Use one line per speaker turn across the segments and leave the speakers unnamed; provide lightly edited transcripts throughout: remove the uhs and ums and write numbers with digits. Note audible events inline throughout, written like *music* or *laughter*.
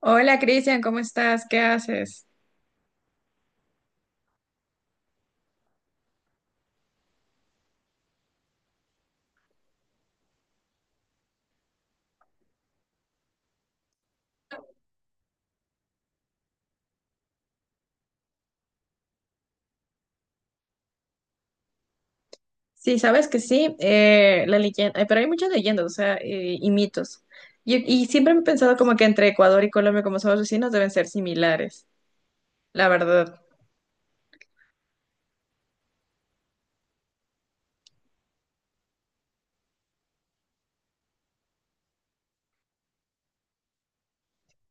Hola Cristian, ¿cómo estás? ¿Qué haces? Sí, sabes que sí, la leyenda, pero hay muchas leyendas, o sea, y mitos. Y siempre he pensado como que entre Ecuador y Colombia, como somos vecinos, deben ser similares, la verdad.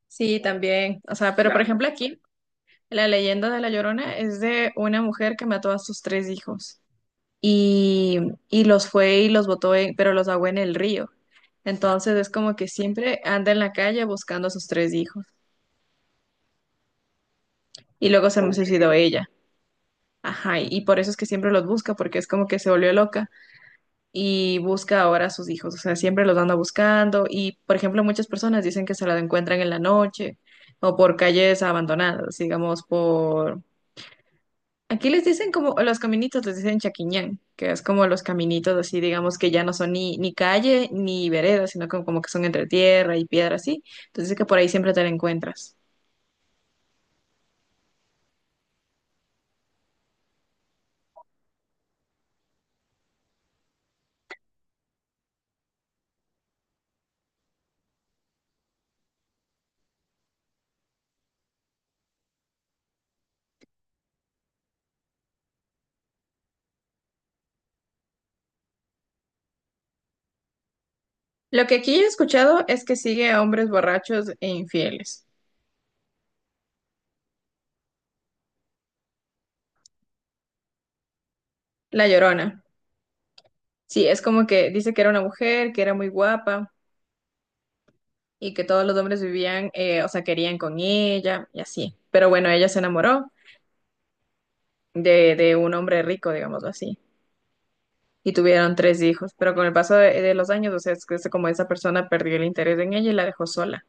Sí, también. O sea, pero por Claro. ejemplo aquí, la leyenda de La Llorona es de una mujer que mató a sus tres hijos y, y los fue y los botó, pero los ahogó en el río. Entonces es como que siempre anda en la calle buscando a sus tres hijos y luego se Ok. suicidó ella. Ajá, y por eso es que siempre los busca, porque es como que se volvió loca y busca ahora a sus hijos, o sea, siempre los anda buscando y, por ejemplo, muchas personas dicen que se la encuentran en la noche o por calles abandonadas, digamos, por... Aquí les dicen como los caminitos, les dicen chaquiñán, que es como los caminitos así, digamos, que ya no son ni, ni calle ni vereda, sino como, como que son entre tierra y piedra así. Entonces es que por ahí siempre te la encuentras. Lo que aquí he escuchado es que sigue a hombres borrachos e infieles. La Llorona. Sí, es como que dice que era una mujer, que era muy guapa y que todos los hombres vivían, o sea, querían con ella y así. Pero bueno, ella se enamoró de un hombre rico, digámoslo así, y tuvieron tres hijos. Pero con el paso de los años, o sea, es que es como esa persona perdió el interés en ella y la dejó sola.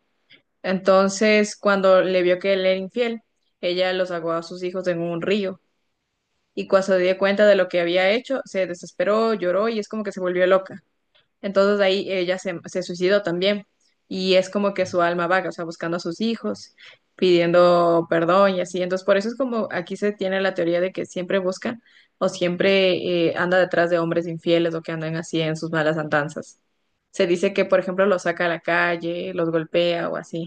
Entonces, cuando le vio que él era infiel, ella los ahogó a sus hijos en un río. Y cuando se dio cuenta de lo que había hecho, se desesperó, lloró y es como que se volvió loca. Entonces ahí ella se suicidó también y es como que su alma vaga, o sea, buscando a sus hijos, pidiendo perdón y así. Entonces por eso es como aquí se tiene la teoría de que siempre busca o siempre anda detrás de hombres infieles o que andan así en sus malas andanzas. Se dice que, por ejemplo, los saca a la calle, los golpea o así.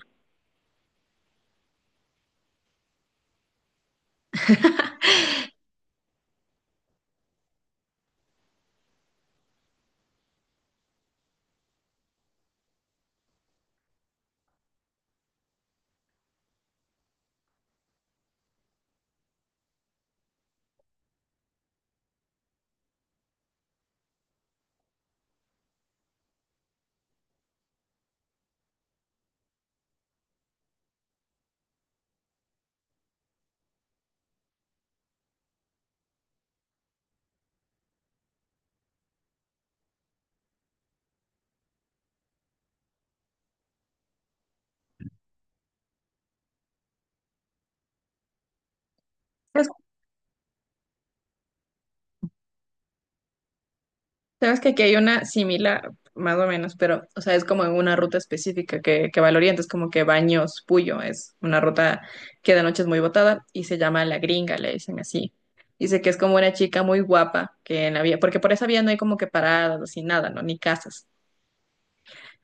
Sabes que aquí hay una similar, más o menos, pero, o sea, es como en una ruta específica que va al oriente, es como que Baños Puyo, es una ruta que de noche es muy botada y se llama La Gringa, le dicen así. Dice que es como una chica muy guapa que en la vía, porque por esa vía no hay como que paradas, ni nada, ¿no? Ni casas.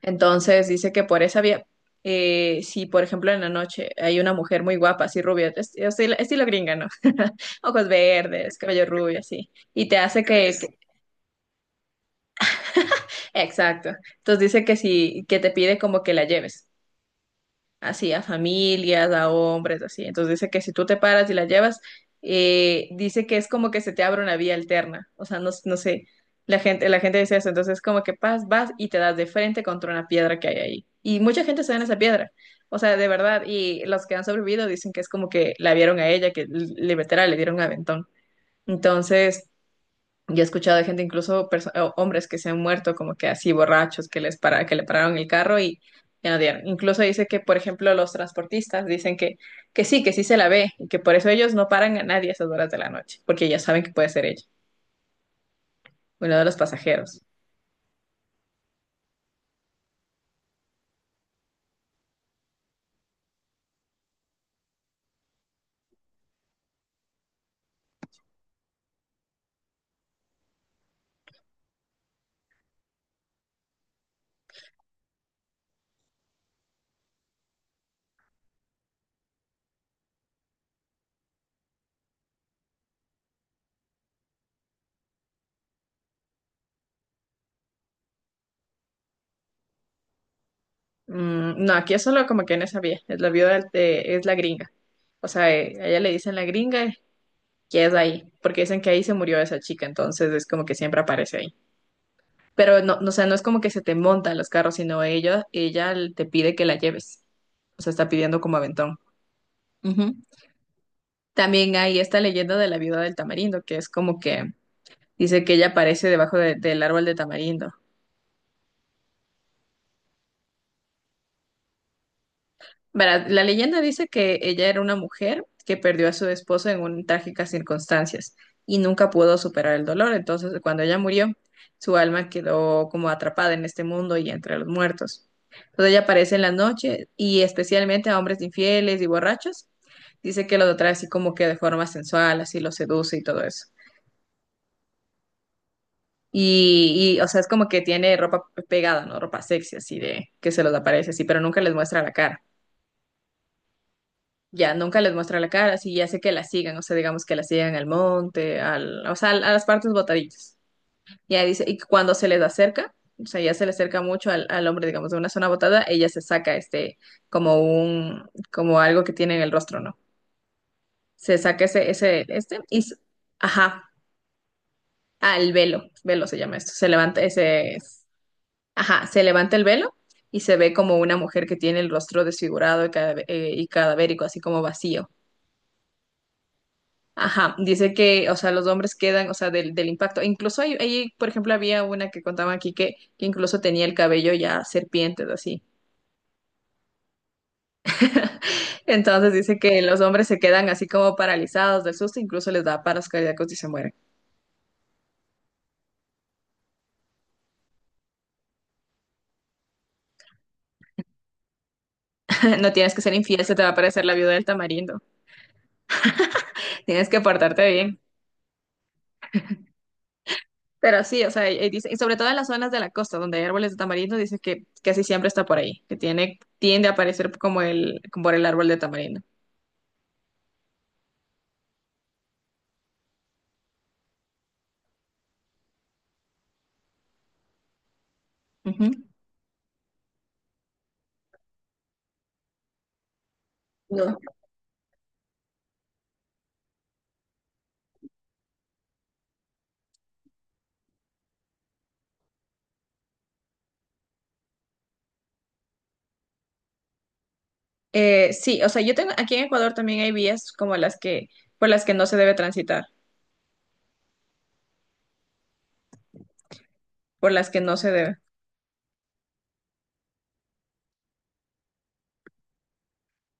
Entonces dice que por esa vía, si por ejemplo en la noche hay una mujer muy guapa, así rubia, estilo, estilo gringa, ¿no? *laughs* Ojos verdes, cabello rubio, así y te hace que, exacto. Entonces dice que si, que te pide como que la lleves, así a familias, a hombres, así. Entonces dice que si tú te paras y la llevas, dice que es como que se te abre una vía alterna. O sea, no, no sé, la gente dice eso. Entonces como que vas, vas y te das de frente contra una piedra que hay ahí. Y mucha gente se da en esa piedra. O sea, de verdad. Y los que han sobrevivido dicen que es como que la vieron a ella, que literal le dieron un aventón. Entonces... Yo he escuchado de gente, incluso hombres que se han muerto como que así borrachos, que les para, que le pararon el carro y ya no dieron. Incluso dice que, por ejemplo, los transportistas dicen que sí se la ve y que por eso ellos no paran a nadie a esas horas de la noche, porque ya saben que puede ser ella, uno de los pasajeros. Mm, no, aquí es solo como que no sabía, es la es la gringa. O sea, a ella le dicen la gringa que es ahí, porque dicen que ahí se murió esa chica, entonces es como que siempre aparece ahí. Pero no, no, o sea, no es como que se te montan los carros, sino ella, ella te pide que la lleves. O sea, está pidiendo como aventón. Ujú. También hay esta leyenda de la viuda del tamarindo, que es como que dice que ella aparece del árbol de tamarindo. Verá, la leyenda dice que ella era una mujer que perdió a su esposo en trágicas circunstancias y nunca pudo superar el dolor. Entonces, cuando ella murió, su alma quedó como atrapada en este mundo y entre los muertos. Entonces, ella aparece en la noche y especialmente a hombres infieles y borrachos. Dice que los atrae así como que de forma sensual, así los seduce y todo eso. O sea, es como que tiene ropa pegada, ¿no? Ropa sexy, así de que se los aparece así, pero nunca les muestra la cara. Ya, nunca les muestra la cara, sí, ya sé que la sigan, o sea, digamos que la sigan al monte, al, o sea, a las partes botaditas. Ya dice, y cuando se les acerca, o sea, ya se le acerca mucho al hombre, digamos, de una zona botada, ella se saca este, como un, como algo que tiene en el rostro, ¿no? Se saca ese, ese, este, y, s- ajá, ah, el velo, velo se llama esto, se levanta ese, ajá, se levanta el velo y se ve como una mujer que tiene el rostro desfigurado y cadavérico, así como vacío. Ajá, dice que, o sea, los hombres quedan, o sea, del impacto. E incluso por ejemplo, había una que contaba aquí que incluso tenía el cabello ya serpientes, así. Entonces dice que los hombres se quedan así como paralizados del susto, incluso les da paros cardíacos y se mueren. *laughs* No tienes que ser infiel, se te va a parecer la viuda del tamarindo. Tienes que portarte bien. Pero sí, o sea, ahí dice, y sobre todo en las zonas de la costa donde hay árboles de tamarindo, dice que casi siempre está por ahí, que tiene, tiende a aparecer como el, como por el árbol de tamarindo. Ujú. No. Sí, o sea, yo tengo, aquí en Ecuador también hay vías como las que, por las que no se debe transitar, por las que no se debe.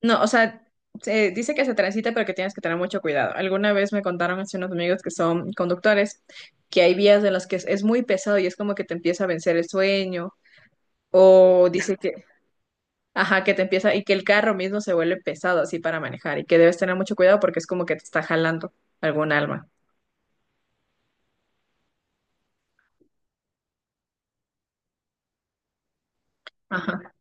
No, o sea, se dice que se transita, pero que tienes que tener mucho cuidado. Alguna vez me contaron hace unos amigos que son conductores, que hay vías en las que es muy pesado y es como que te empieza a vencer el sueño, o dice que, ajá, que te empieza, y que el carro mismo se vuelve pesado así para manejar, y que debes tener mucho cuidado porque es como que te está jalando algún alma. Ajá.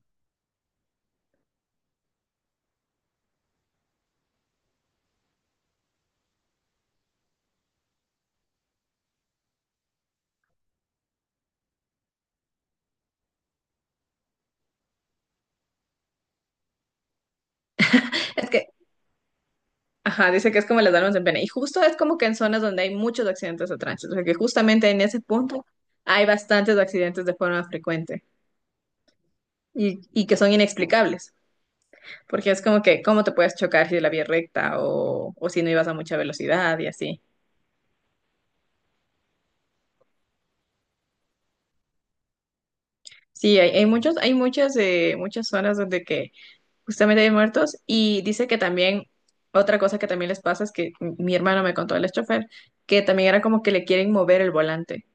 Es que ajá, dice que es como las almas en pena. Y justo es como que en zonas donde hay muchos accidentes de tránsito, o sea que justamente en ese punto hay bastantes accidentes de forma frecuente y que son inexplicables, porque es como que cómo te puedes chocar si la vía es recta o si no ibas a mucha velocidad y así. Sí, hay muchos, hay muchas, muchas zonas donde que justamente de muertos, y dice que también, otra cosa que también les pasa es que mi hermano me contó, el chofer, que también era como que le quieren mover el volante,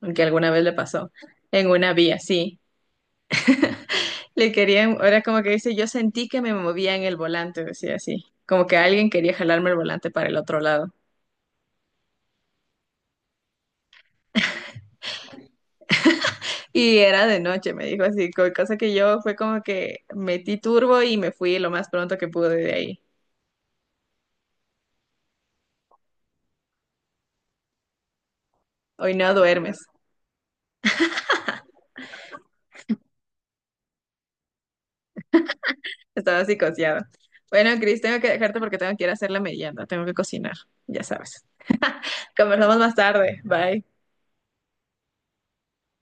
aunque alguna vez le pasó, en una vía, sí. Le querían, era como que dice, yo sentí que me movía en el volante, decía así, como que alguien quería jalarme el volante para el otro lado. Y era de noche, me dijo así, cosa que yo fue como que metí turbo y me fui lo más pronto que pude de ahí. Hoy no duermes. Estaba psicoseado. Bueno, Cris, tengo que dejarte porque tengo que ir a hacer la merienda, tengo que cocinar, ya sabes. Conversamos más tarde. Bye.